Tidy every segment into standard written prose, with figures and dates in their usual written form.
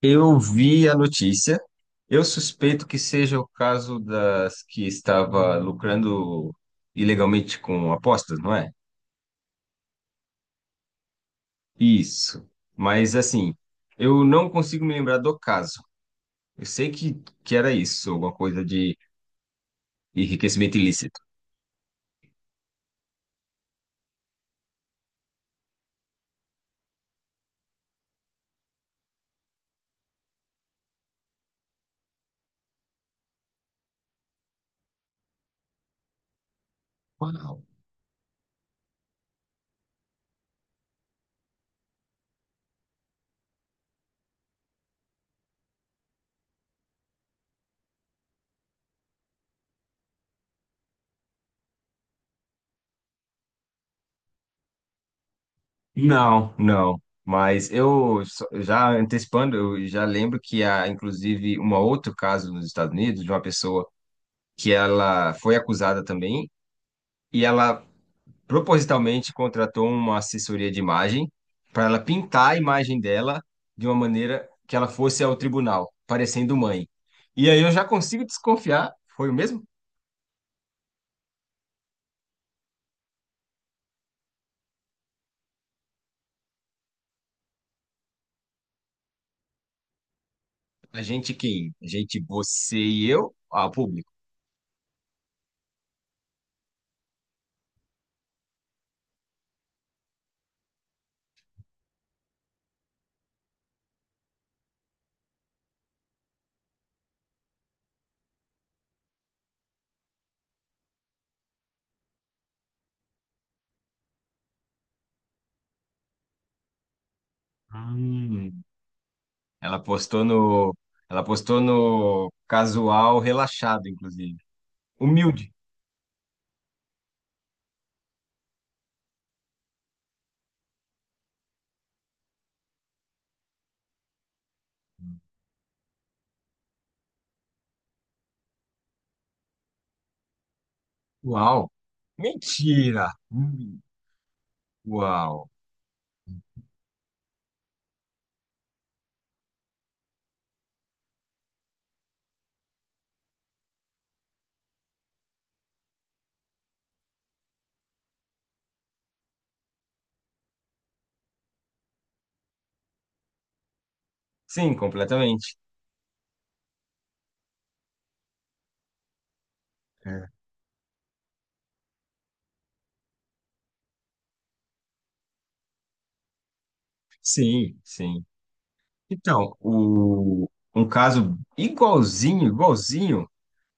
Eu vi a notícia. Eu suspeito que seja o caso das que estava lucrando ilegalmente com apostas, não é? Isso. Mas assim, eu não consigo me lembrar do caso. Eu sei que era isso, alguma coisa de enriquecimento ilícito. Uau. Não, não. Mas eu já antecipando, eu já lembro que há, inclusive, um outro caso nos Estados Unidos de uma pessoa que ela foi acusada também e ela propositalmente contratou uma assessoria de imagem para ela pintar a imagem dela de uma maneira que ela fosse ao tribunal, parecendo mãe. E aí eu já consigo desconfiar, foi o mesmo? A gente quem? A gente, você e eu, ao público. Ah. Ela postou no, ela postou no casual relaxado, inclusive. Humilde. Uau. Mentira. Hum. Uau. Sim, completamente. É. Sim, sim. Então, um caso igualzinho, igualzinho,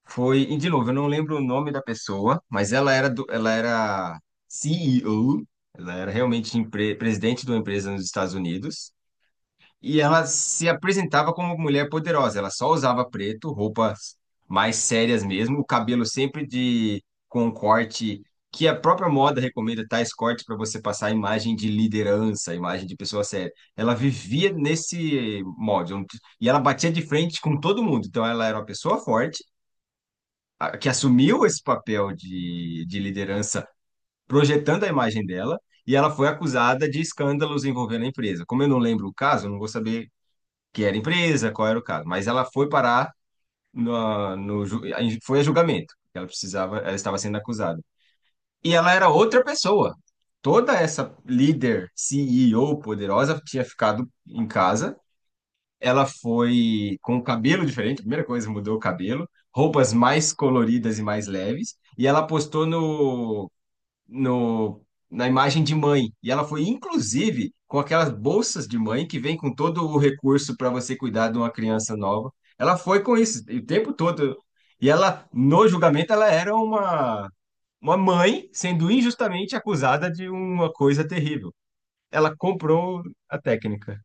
foi, e de novo, eu não lembro o nome da pessoa, mas ela era CEO, ela era realmente presidente de uma empresa nos Estados Unidos. E ela se apresentava como mulher poderosa. Ela só usava preto, roupas mais sérias mesmo, o cabelo sempre de com um corte que a própria moda recomenda tais cortes para você passar a imagem de liderança, a imagem de pessoa séria. Ela vivia nesse molde. E ela batia de frente com todo mundo. Então ela era uma pessoa forte que assumiu esse papel de liderança, projetando a imagem dela. E ela foi acusada de escândalos envolvendo a empresa. Como eu não lembro o caso, eu não vou saber que era empresa, qual era o caso. Mas ela foi parar no foi a julgamento. Ela precisava, ela estava sendo acusada. E ela era outra pessoa. Toda essa líder, CEO poderosa tinha ficado em casa. Ela foi com o cabelo diferente, primeira coisa, mudou o cabelo, roupas mais coloridas e mais leves, e ela postou no no, na imagem de mãe. E ela foi, inclusive, com aquelas bolsas de mãe que vem com todo o recurso para você cuidar de uma criança nova. Ela foi com isso o tempo todo. E ela, no julgamento, ela era uma mãe sendo injustamente acusada de uma coisa terrível. Ela comprou a técnica.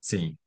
Sim.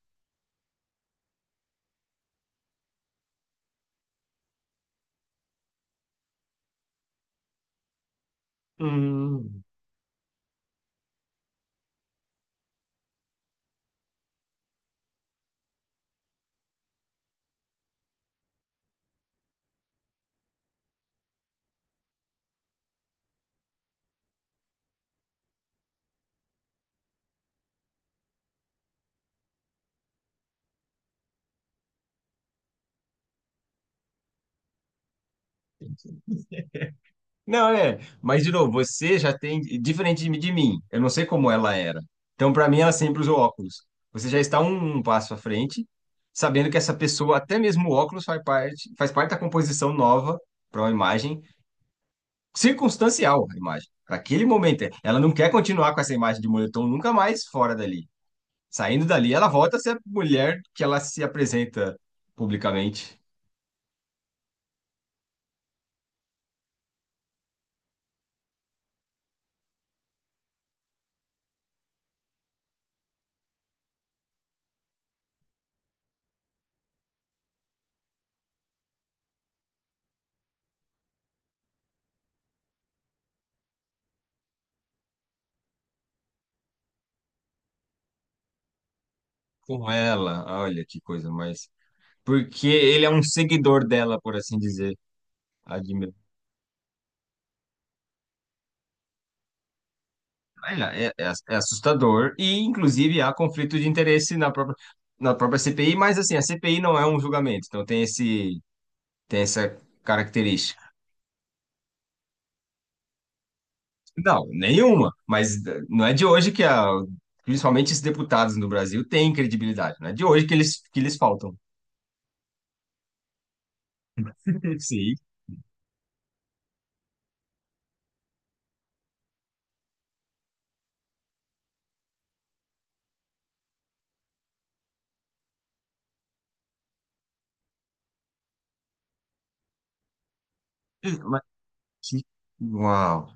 Não, é. Mas, de novo, você já tem. Diferente de mim, eu não sei como ela era. Então, para mim, ela sempre usou óculos. Você já está um passo à frente, sabendo que essa pessoa, até mesmo o óculos, faz parte da composição nova para uma imagem, circunstancial a imagem. Para aquele momento, é. Ela não quer continuar com essa imagem de moletom nunca mais fora dali. Saindo dali, ela volta a ser a mulher que ela se apresenta publicamente com ela. Olha que coisa mais. Porque ele é um seguidor dela, por assim dizer. Admira- É assustador e, inclusive, há conflito de interesse na própria CPI, mas, assim, a CPI não é um julgamento, então tem esse, tem essa característica. Não, nenhuma, mas não é de hoje que, principalmente, esses deputados no Brasil têm credibilidade, não é de hoje que eles faltam. Sim, mas que- Uau,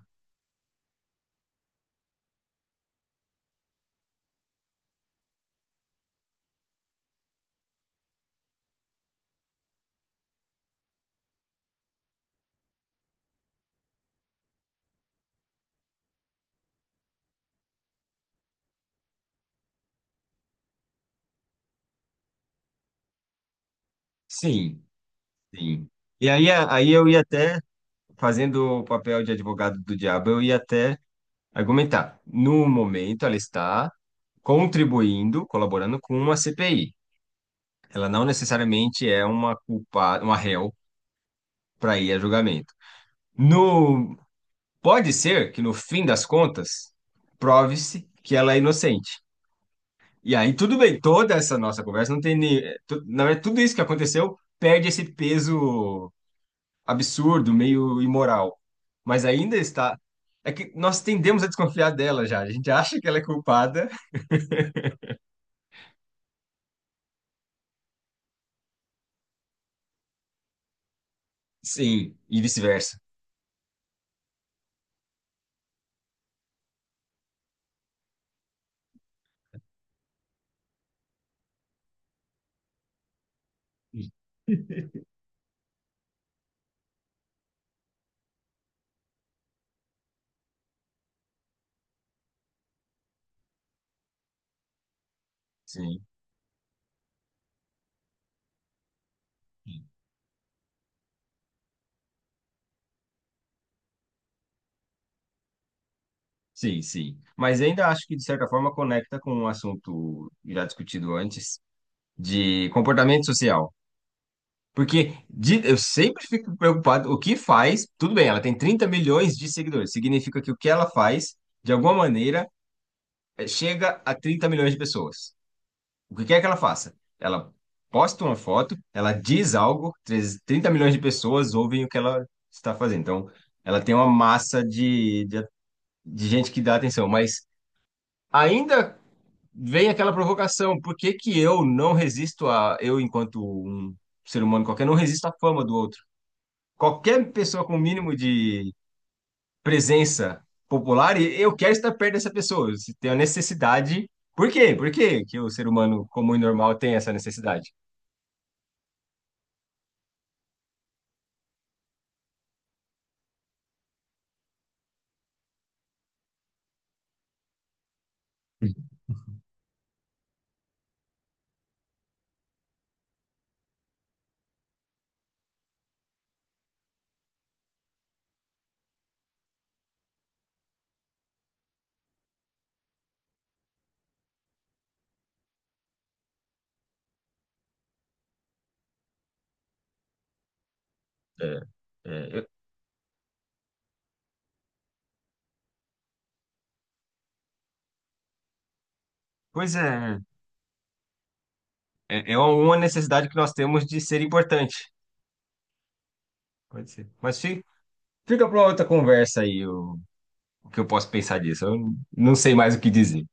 sim, sim. E aí, aí eu ia até, fazendo o papel de advogado do diabo, eu ia até argumentar. No momento, ela está contribuindo, colaborando com uma CPI. Ela não necessariamente é uma culpada, uma réu para ir a julgamento. No, Pode ser que no fim das contas prove-se que ela é inocente. E aí tudo bem, toda essa nossa conversa não tem nem, na verdade tudo isso que aconteceu perde esse peso absurdo, meio imoral. Mas ainda está. É que nós tendemos a desconfiar dela já. A gente acha que ela é culpada, sim, e vice-versa. Sim. Sim, sim. Mas ainda acho que, de certa forma, conecta com um assunto já discutido antes, de comportamento social. Porque eu sempre fico preocupado, o que faz, tudo bem, ela tem 30 milhões de seguidores, significa que o que ela faz, de alguma maneira, chega a 30 milhões de pessoas. O que quer que ela faça? Ela posta uma foto, ela diz algo, 30 milhões de pessoas ouvem o que ela está fazendo. Então, ela tem uma massa de gente que dá atenção, mas ainda vem aquela provocação, por que que eu não resisto eu enquanto um ser humano qualquer, não resisto à fama do outro? Qualquer pessoa com o mínimo de presença popular, eu quero estar perto dessa pessoa, se tem a necessidade. Por quê? Por quê que o ser humano comum e normal tem essa necessidade? É, é, eu- pois é uma necessidade que nós temos de ser importante. Pode ser. Mas fica para outra conversa aí o que eu posso pensar disso. Eu não sei mais o que dizer.